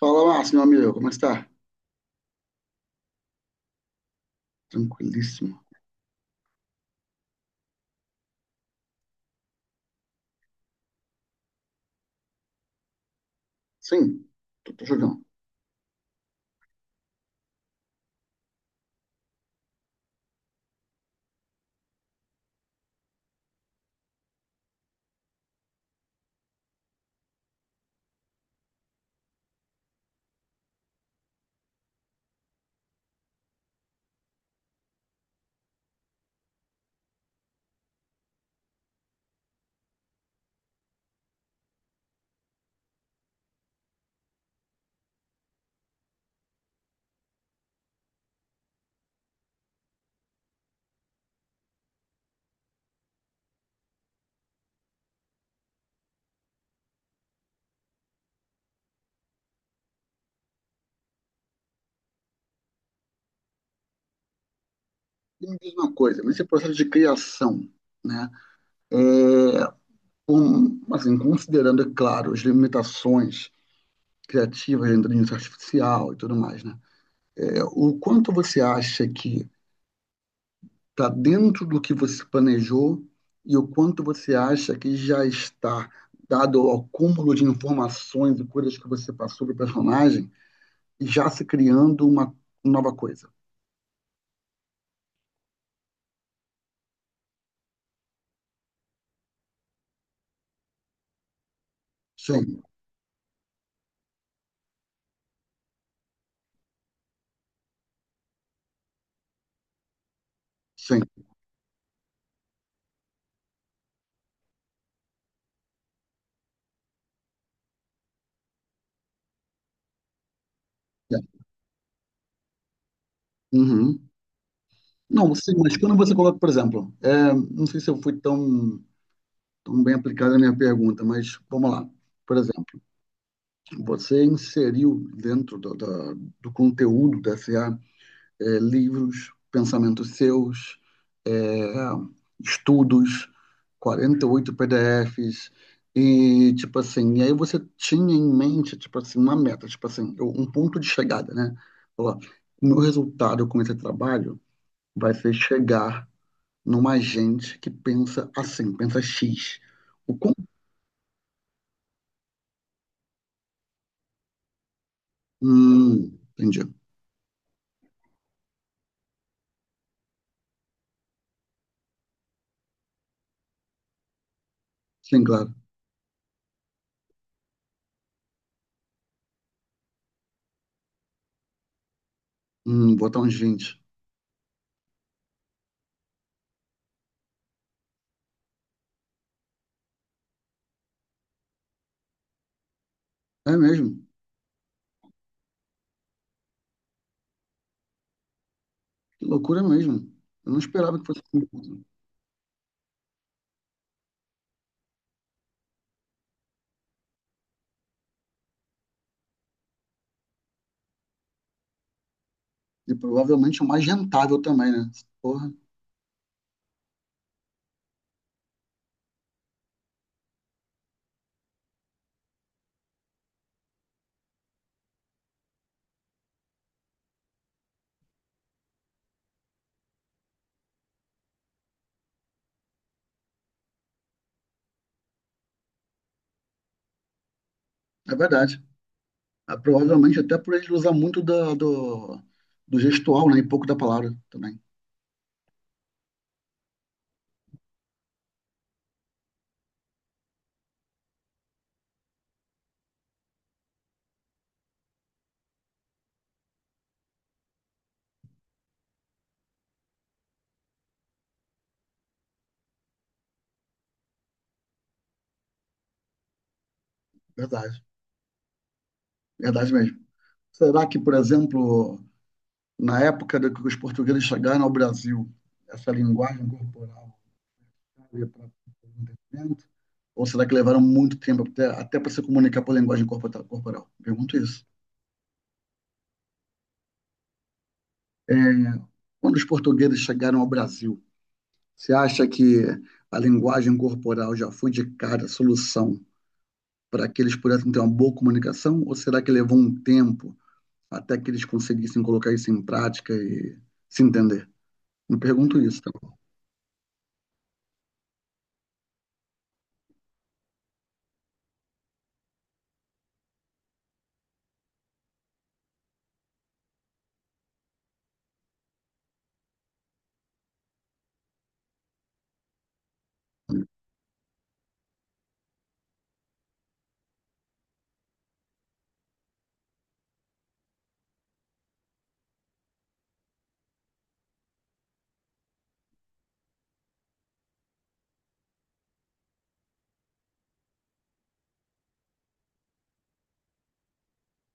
Fala, Márcio, meu amigo, como está? Tranquilíssimo. Sim, tô jogando. E me diz uma coisa, nesse processo de criação, né? Assim, considerando, é claro, as limitações criativas da inteligência artificial e tudo mais, né? É, o quanto você acha que está dentro do que você planejou e o quanto você acha que já está, dado ao acúmulo de informações e coisas que você passou para o personagem, já se criando uma nova coisa? Sim, sim. Uhum. Não, sim, mas quando você coloca, por exemplo, é, não sei se eu fui tão, tão bem aplicada a minha pergunta, mas vamos lá. Por exemplo, você inseriu dentro do conteúdo da SA é, livros, pensamentos seus, é, estudos, 48 PDFs, e tipo assim, e aí você tinha em mente, tipo assim, uma meta, tipo assim, um ponto de chegada, né? Falou, ó, o meu resultado com esse trabalho vai ser chegar numa gente que pensa assim, pensa X. O quão. Entendi. Sim, claro. Botar uns 20. É mesmo. Que loucura mesmo. Eu não esperava que fosse assim. E provavelmente o mais rentável também, né? Porra, é verdade. É, provavelmente até por ele usar muito do gestual, né? E pouco da palavra também. Verdade. Verdade mesmo. Será que, por exemplo, na época do que os portugueses chegaram ao Brasil, essa linguagem corporal para o entendimento? Ou será que levaram muito tempo até para se comunicar por linguagem corporal? Pergunto isso. É, quando os portugueses chegaram ao Brasil, você acha que a linguagem corporal já foi de cara a solução para que eles pudessem ter uma boa comunicação? Ou será que levou um tempo até que eles conseguissem colocar isso em prática e se entender? Me pergunto isso, tá bom?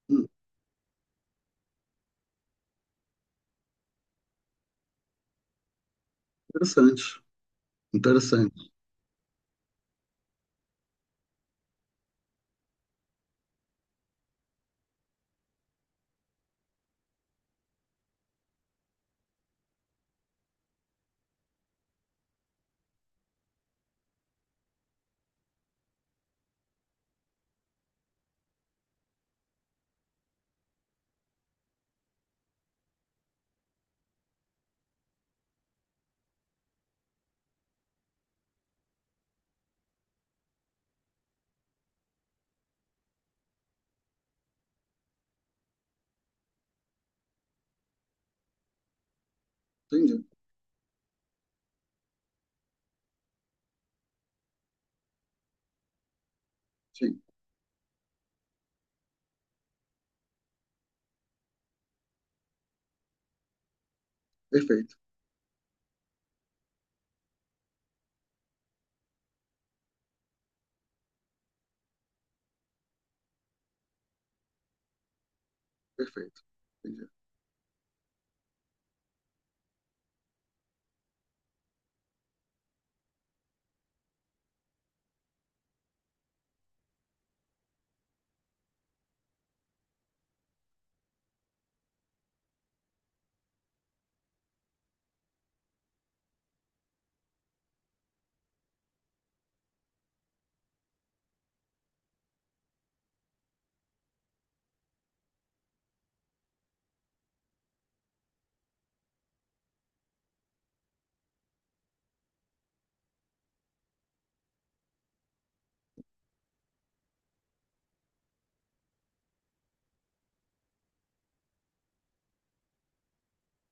Hum, Interessante, interessante. Entendi. Sim, perfeito, perfeito. Entendi.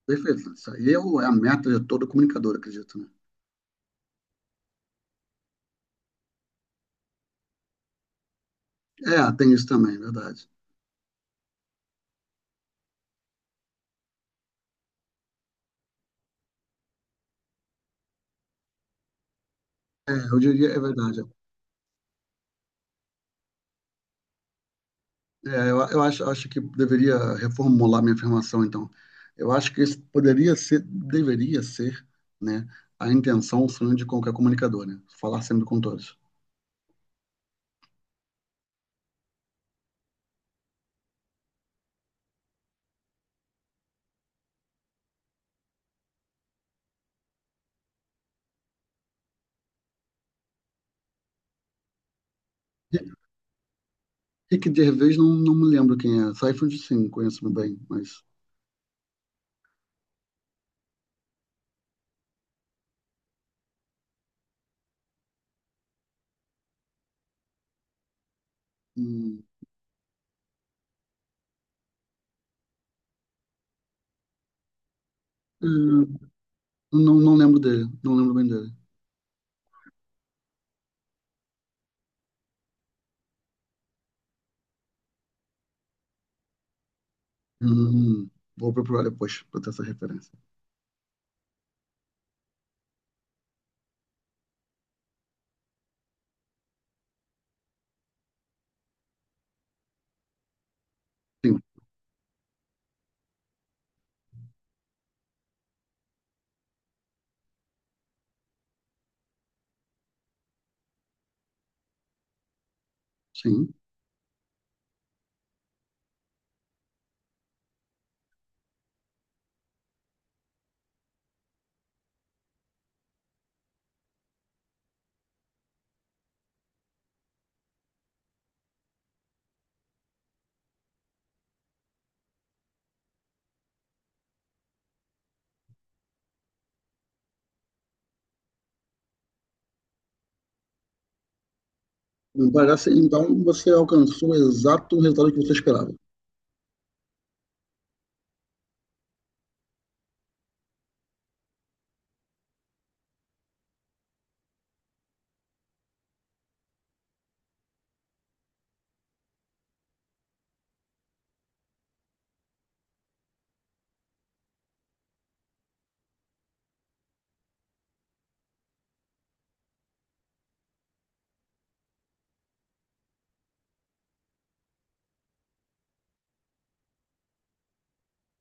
Perfeito. Isso aí é a meta de todo comunicador, acredito, né? É, tem isso também, verdade. É, eu diria, é verdade. É, eu acho, que deveria reformular minha afirmação, então. Eu acho que esse poderia ser, deveria ser, né, a intenção, o sonho de qualquer comunicador, né? Falar sempre com todos. Ri- Rick Gervais, não, não me lembro quem é. Seinfeld, sim, conheço bem, mas. Hum, hum, não, não lembro dele, não lembro bem dele. Hum, hum, hum. Vou procurar depois para ter essa referência. Sim, sim. Parece, então você alcançou o exato resultado que você esperava.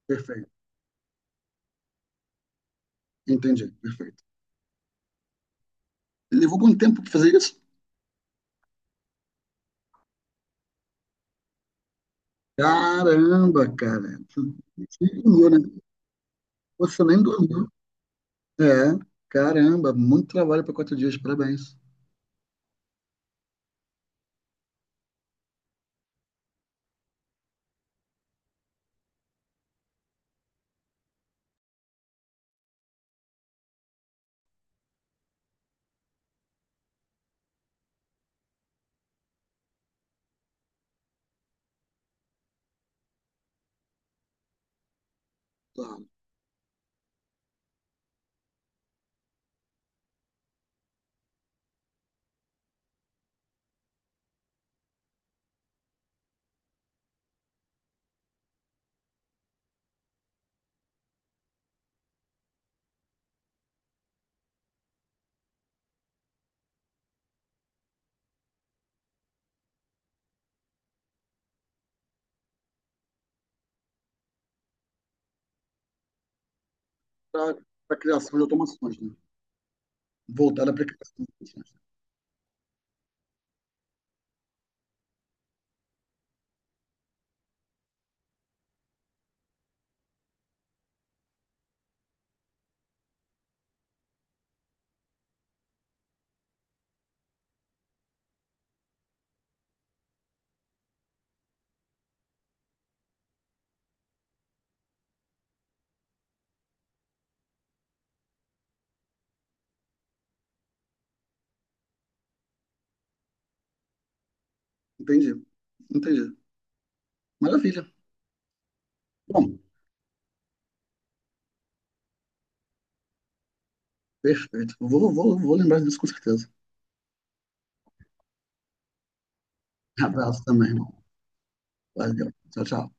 Perfeito. Entendi, perfeito. Levou quanto tempo pra fazer isso? Caramba, cara. Você nem dormiu, né? Você nem dormiu. É, caramba, muito trabalho para 4 dias, parabéns. Tá. Para a criação de automações, né? Voltada para a criação de automações. Entendi, entendi. Maravilha. Bom, perfeito. Vou lembrar disso com certeza. Abraço também, irmão. Valeu. Tchau, tchau.